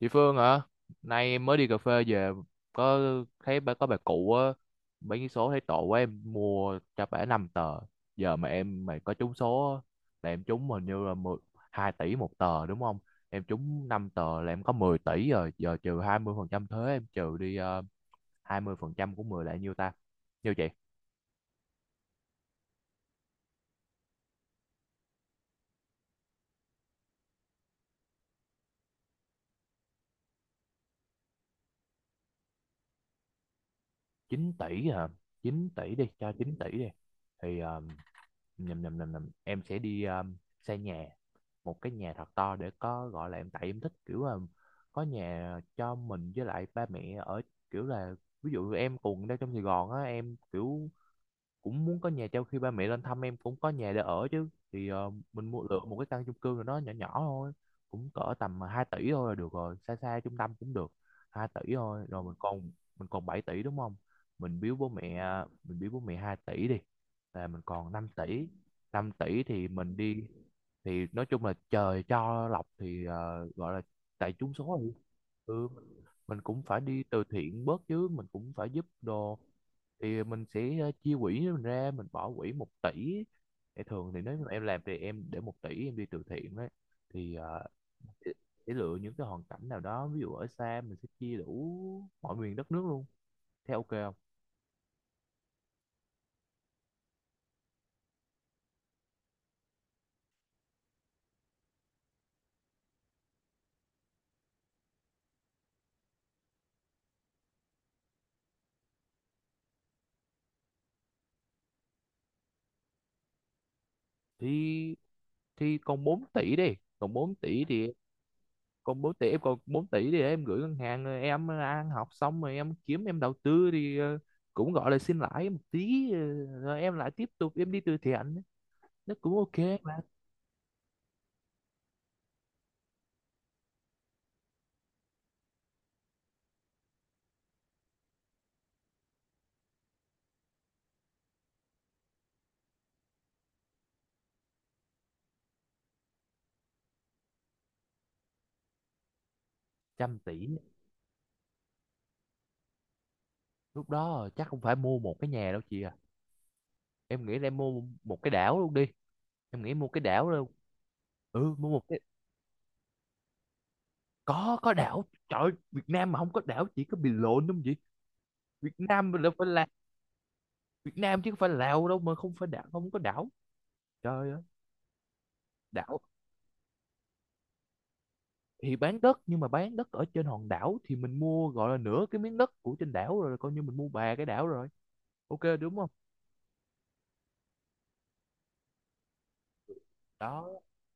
Chị Phương hả? Nay em mới đi cà phê về, có thấy bà, có bà cụ á, mấy cái số thấy tội quá em mua cho bả 5 tờ. Giờ mà em mày có trúng số á, là em trúng hình như là 12 tỷ một tờ đúng không? Em trúng 5 tờ là em có 10 tỷ rồi, giờ trừ 20% thuế em trừ đi 20% của 10 là nhiêu ta? Nhiêu chị? 9 tỷ hả? 9 tỷ đi, cho 9 tỷ đi. Thì ờ, nhầm nhầm nhầm nhầm em sẽ đi xây nhà, một cái nhà thật to để có gọi là em, tại em thích kiểu là có nhà cho mình với lại ba mẹ ở, kiểu là ví dụ em cùng đang trong Sài Gòn á, em kiểu cũng muốn có nhà trao khi ba mẹ lên thăm em cũng có nhà để ở chứ. Thì mình mua lựa một cái căn chung cư nào đó nhỏ nhỏ thôi, cũng cỡ tầm 2 tỷ thôi là được rồi, xa xa trung tâm cũng được. 2 tỷ thôi rồi mình còn, 7 tỷ đúng không? Mình biếu bố mẹ mình biếu bố mẹ 2 tỷ đi là mình còn 5 tỷ. 5 tỷ thì mình đi, thì nói chung là trời cho lộc thì gọi là tại trúng số rồi. Ừ, mình cũng phải đi từ thiện bớt chứ, mình cũng phải giúp đồ. Thì mình sẽ chia quỹ mình ra, mình bỏ quỹ 1 tỷ, thì thường thì nếu mà em làm thì em để 1 tỷ em đi từ thiện đấy. Thì sẽ sẽ lựa những cái hoàn cảnh nào đó, ví dụ ở xa mình sẽ chia đủ mọi miền đất nước luôn. Thế ok không? Thì thì còn 4 tỷ đi, còn 4 tỷ thì, còn 4 tỷ, em còn 4 tỷ thì em gửi ngân hàng rồi em ăn học xong rồi em kiếm em đầu tư thì cũng gọi là xin lãi một tí rồi em lại tiếp tục em đi từ thiện, nó cũng ok. Mà 100 tỷ lúc đó chắc không phải mua một cái nhà đâu chị à, em nghĩ là em mua một cái đảo luôn đi. Em nghĩ mua cái đảo luôn, ừ, mua một cái. Có đảo, trời ơi, Việt Nam mà không có đảo chỉ có bị lộn đúng không chị? Việt Nam mình là phải là, Việt Nam chứ không phải Lào đâu mà không phải đảo, không có đảo, trời ơi. Đảo thì bán đất, nhưng mà bán đất ở trên hòn đảo thì mình mua gọi là nửa cái miếng đất của trên đảo rồi coi như mình mua bà cái đảo rồi, ok đúng không? Đó,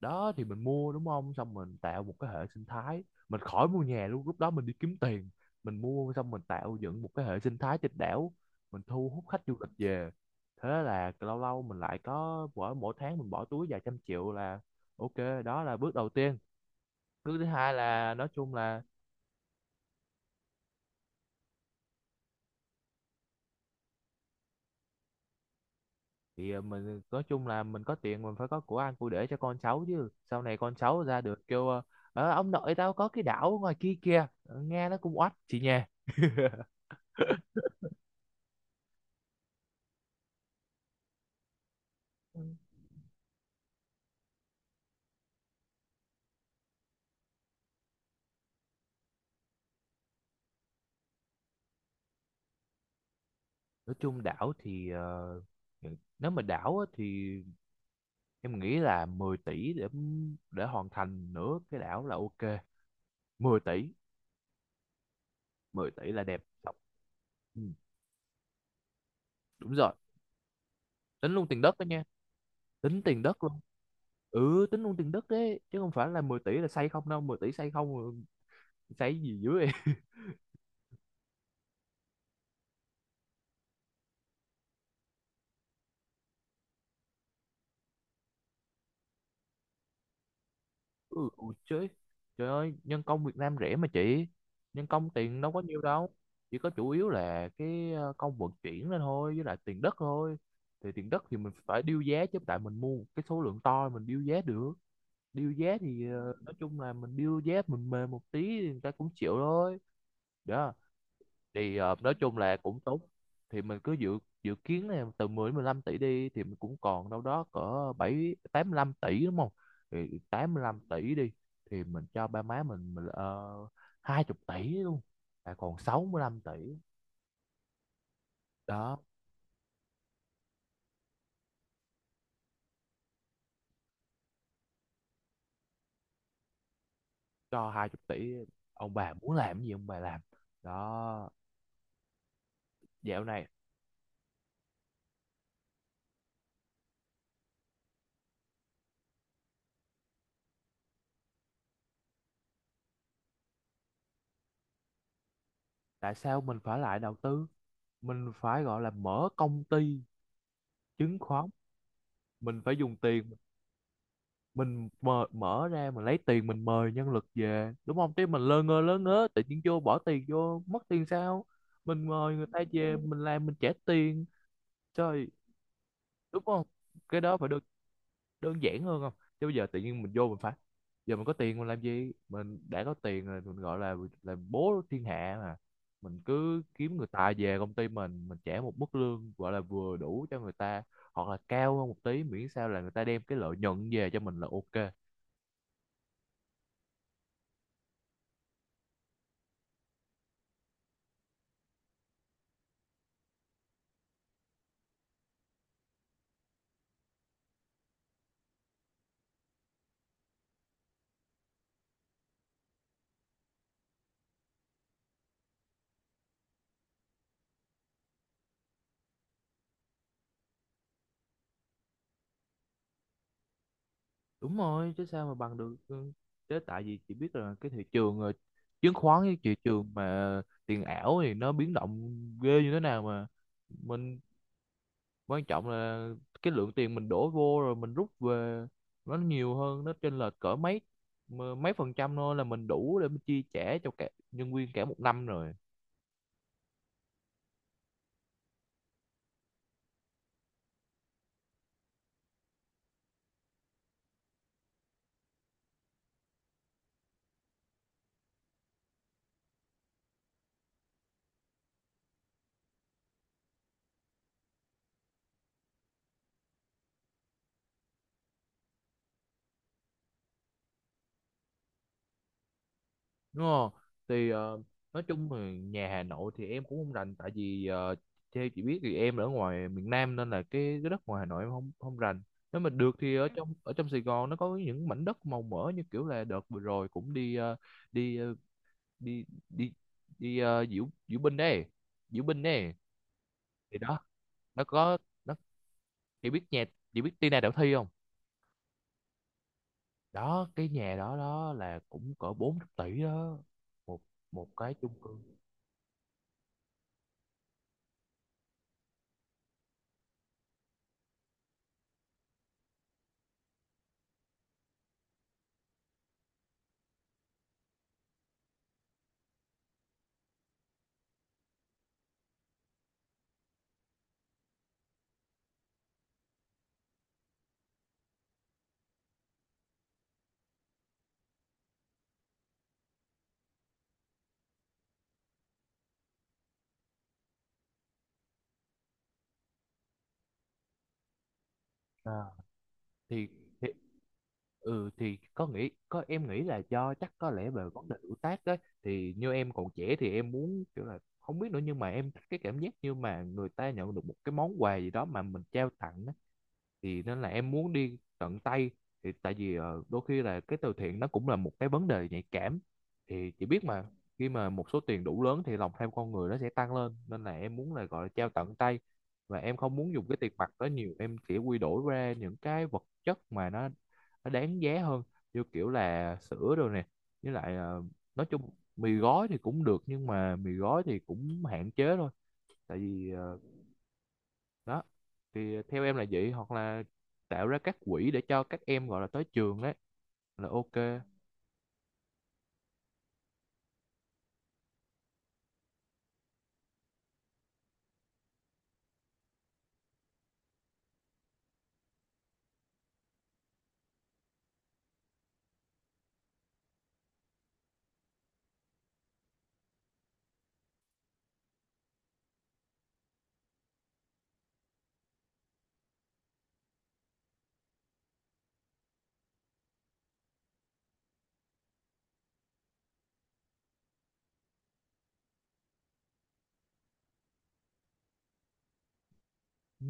đó thì mình mua đúng không, xong mình tạo một cái hệ sinh thái, mình khỏi mua nhà luôn. Lúc đó mình đi kiếm tiền, mình mua xong mình tạo dựng một cái hệ sinh thái trên đảo, mình thu hút khách du lịch về. Thế là lâu lâu mình lại có, mỗi mỗi tháng mình bỏ túi vài trăm triệu là ok. Đó là bước đầu tiên, bước thứ hai là nói chung là, thì mình nói chung là mình có tiền mình phải có của ăn của để cho con cháu chứ, sau này con cháu ra được kêu ờ, "Ờ, ông nội tao có cái đảo ở ngoài kia kìa." Ờ, nghe nó cũng oách chị nha. Nói chung đảo thì nếu mà đảo á, thì em nghĩ là 10 tỷ để hoàn thành nửa cái đảo là ok. 10 tỷ, 10 tỷ là đẹp. Ừ, đúng rồi. Tính luôn tiền đất đó nha. Tính tiền đất luôn. Ừ, tính luôn tiền đất đấy. Chứ không phải là 10 tỷ là xây không đâu. 10 tỷ xây không, xây gì dưới. Ừ, ủa chứ trời ơi, nhân công Việt Nam rẻ mà chị, nhân công tiền đâu có nhiêu đâu. Chỉ có chủ yếu là cái công vận chuyển lên thôi với lại tiền đất thôi. Thì tiền đất thì mình phải điêu giá chứ, tại mình mua một cái số lượng to, mình điêu giá được. Điêu giá thì nói chung là mình điêu giá mình mềm một tí thì người ta cũng chịu thôi. Đó, thì nói chung là cũng tốt. Thì mình cứ dự dự kiến là từ 10 đến 15 tỷ đi, thì mình cũng còn đâu đó cỡ 7, 85 tỷ đúng không? Thì 85 tỷ đi, thì mình cho ba má mình 20 tỷ luôn là còn 65 tỷ. Đó, cho 20 tỷ ông bà muốn làm gì ông bà làm. Đó, dạo này, tại sao mình phải lại đầu tư, mình phải gọi là mở công ty chứng khoán. Mình phải dùng tiền, mình mở ra mình lấy tiền mình mời nhân lực về đúng không? Chứ mình lơ ngơ lơ ngớ tự nhiên vô bỏ tiền vô mất tiền sao? Mình mời người ta về mình làm mình trả tiền, trời, đúng không? Cái đó phải đơn giản hơn không? Chứ bây giờ tự nhiên mình vô mình phải, giờ mình có tiền mình làm gì, mình đã có tiền rồi mình gọi là bố thiên hạ mà. Mình cứ kiếm người ta về công ty mình trả một mức lương gọi là vừa đủ cho người ta, hoặc là cao hơn một tí, miễn sao là người ta đem cái lợi nhuận về cho mình là ok. Đúng rồi, chứ sao mà bằng được. Ừ, chứ tại vì chị biết là cái thị trường chứng khoán với thị trường mà tiền ảo thì nó biến động ghê như thế nào mà, mình quan trọng là cái lượng tiền mình đổ vô rồi mình rút về nó nhiều hơn, nó chênh lệch cỡ mấy, mà mấy phần trăm thôi là mình đủ để mình chi trả cho cả nhân viên cả một năm rồi đúng không? Thì nói chung thì nhà Hà Nội thì em cũng không rành, tại vì theo chị biết thì em ở ngoài miền Nam nên là cái đất ngoài Hà Nội em không không rành. Nếu mà được thì ở trong Sài Gòn nó có những mảnh đất màu mỡ như kiểu là đợt vừa rồi cũng đi ờ, đi ờ, đi đi đi ờ, diễu diễu binh đấy diễu binh đấy. Thì đó, nó có, nó, chị biết nhà chị biết Tina Đạo Thi không? Đó, cái nhà đó đó là cũng cỡ 4 tỷ đó, một một cái chung cư. À, thì, thì ừ, thì có nghĩ có em nghĩ là do chắc có lẽ về vấn đề tuổi tác đấy. Thì như em còn trẻ thì em muốn kiểu là không biết nữa, nhưng mà em thích cái cảm giác như mà người ta nhận được một cái món quà gì đó mà mình trao tặng á, thì nên là em muốn đi tận tay. Thì tại vì đôi khi là cái từ thiện nó cũng là một cái vấn đề nhạy cảm thì chị biết mà, khi mà một số tiền đủ lớn thì lòng tham con người nó sẽ tăng lên, nên là em muốn là gọi là trao tận tay. Và em không muốn dùng cái tiền mặt đó nhiều, em chỉ quy đổi ra những cái vật chất mà nó đáng giá hơn, như kiểu là sữa rồi nè, với lại nói chung, mì gói thì cũng được nhưng mà mì gói thì cũng hạn chế thôi, tại vì đó. Thì theo em là vậy, hoặc là tạo ra các quỹ để cho các em gọi là tới trường ấy là ok. Ừ,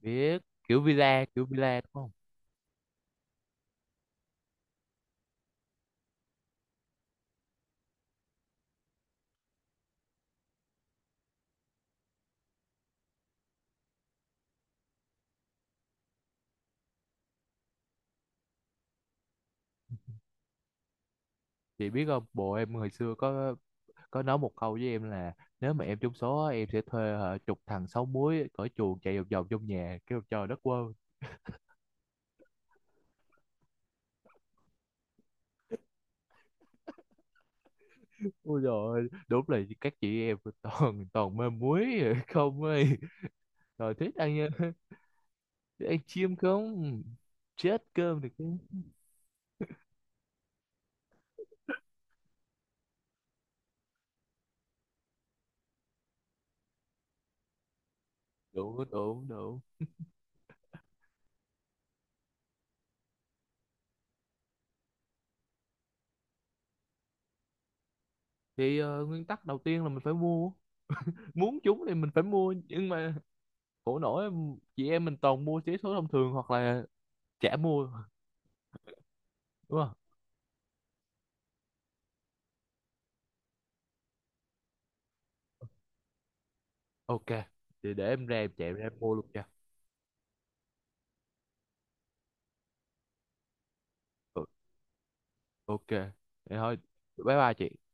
biết, kiểu villa đúng không? Chị biết không, bộ em hồi xưa có, nói một câu với em là nếu mà em trúng số á, em sẽ thuê hả, chục thằng sáu múi cởi chuồng chạy vòng vòng trong nhà kêu trời đất quơ. Ôi rồi, đúng là các chị em toàn toàn mê muối rồi, không ơi, rồi thích ăn thích ăn chim không chết cơm được chứ. Đủ đủ đủ. Thì nguyên tắc đầu tiên là mình phải mua, muốn chúng thì mình phải mua, nhưng mà khổ nỗi chị em mình toàn mua vé số thông thường hoặc là chả mua đúng không? Ok, thì để em ra em chạy ra em mua luôn nha. Ừ, ok, thì thôi, bye bye chị.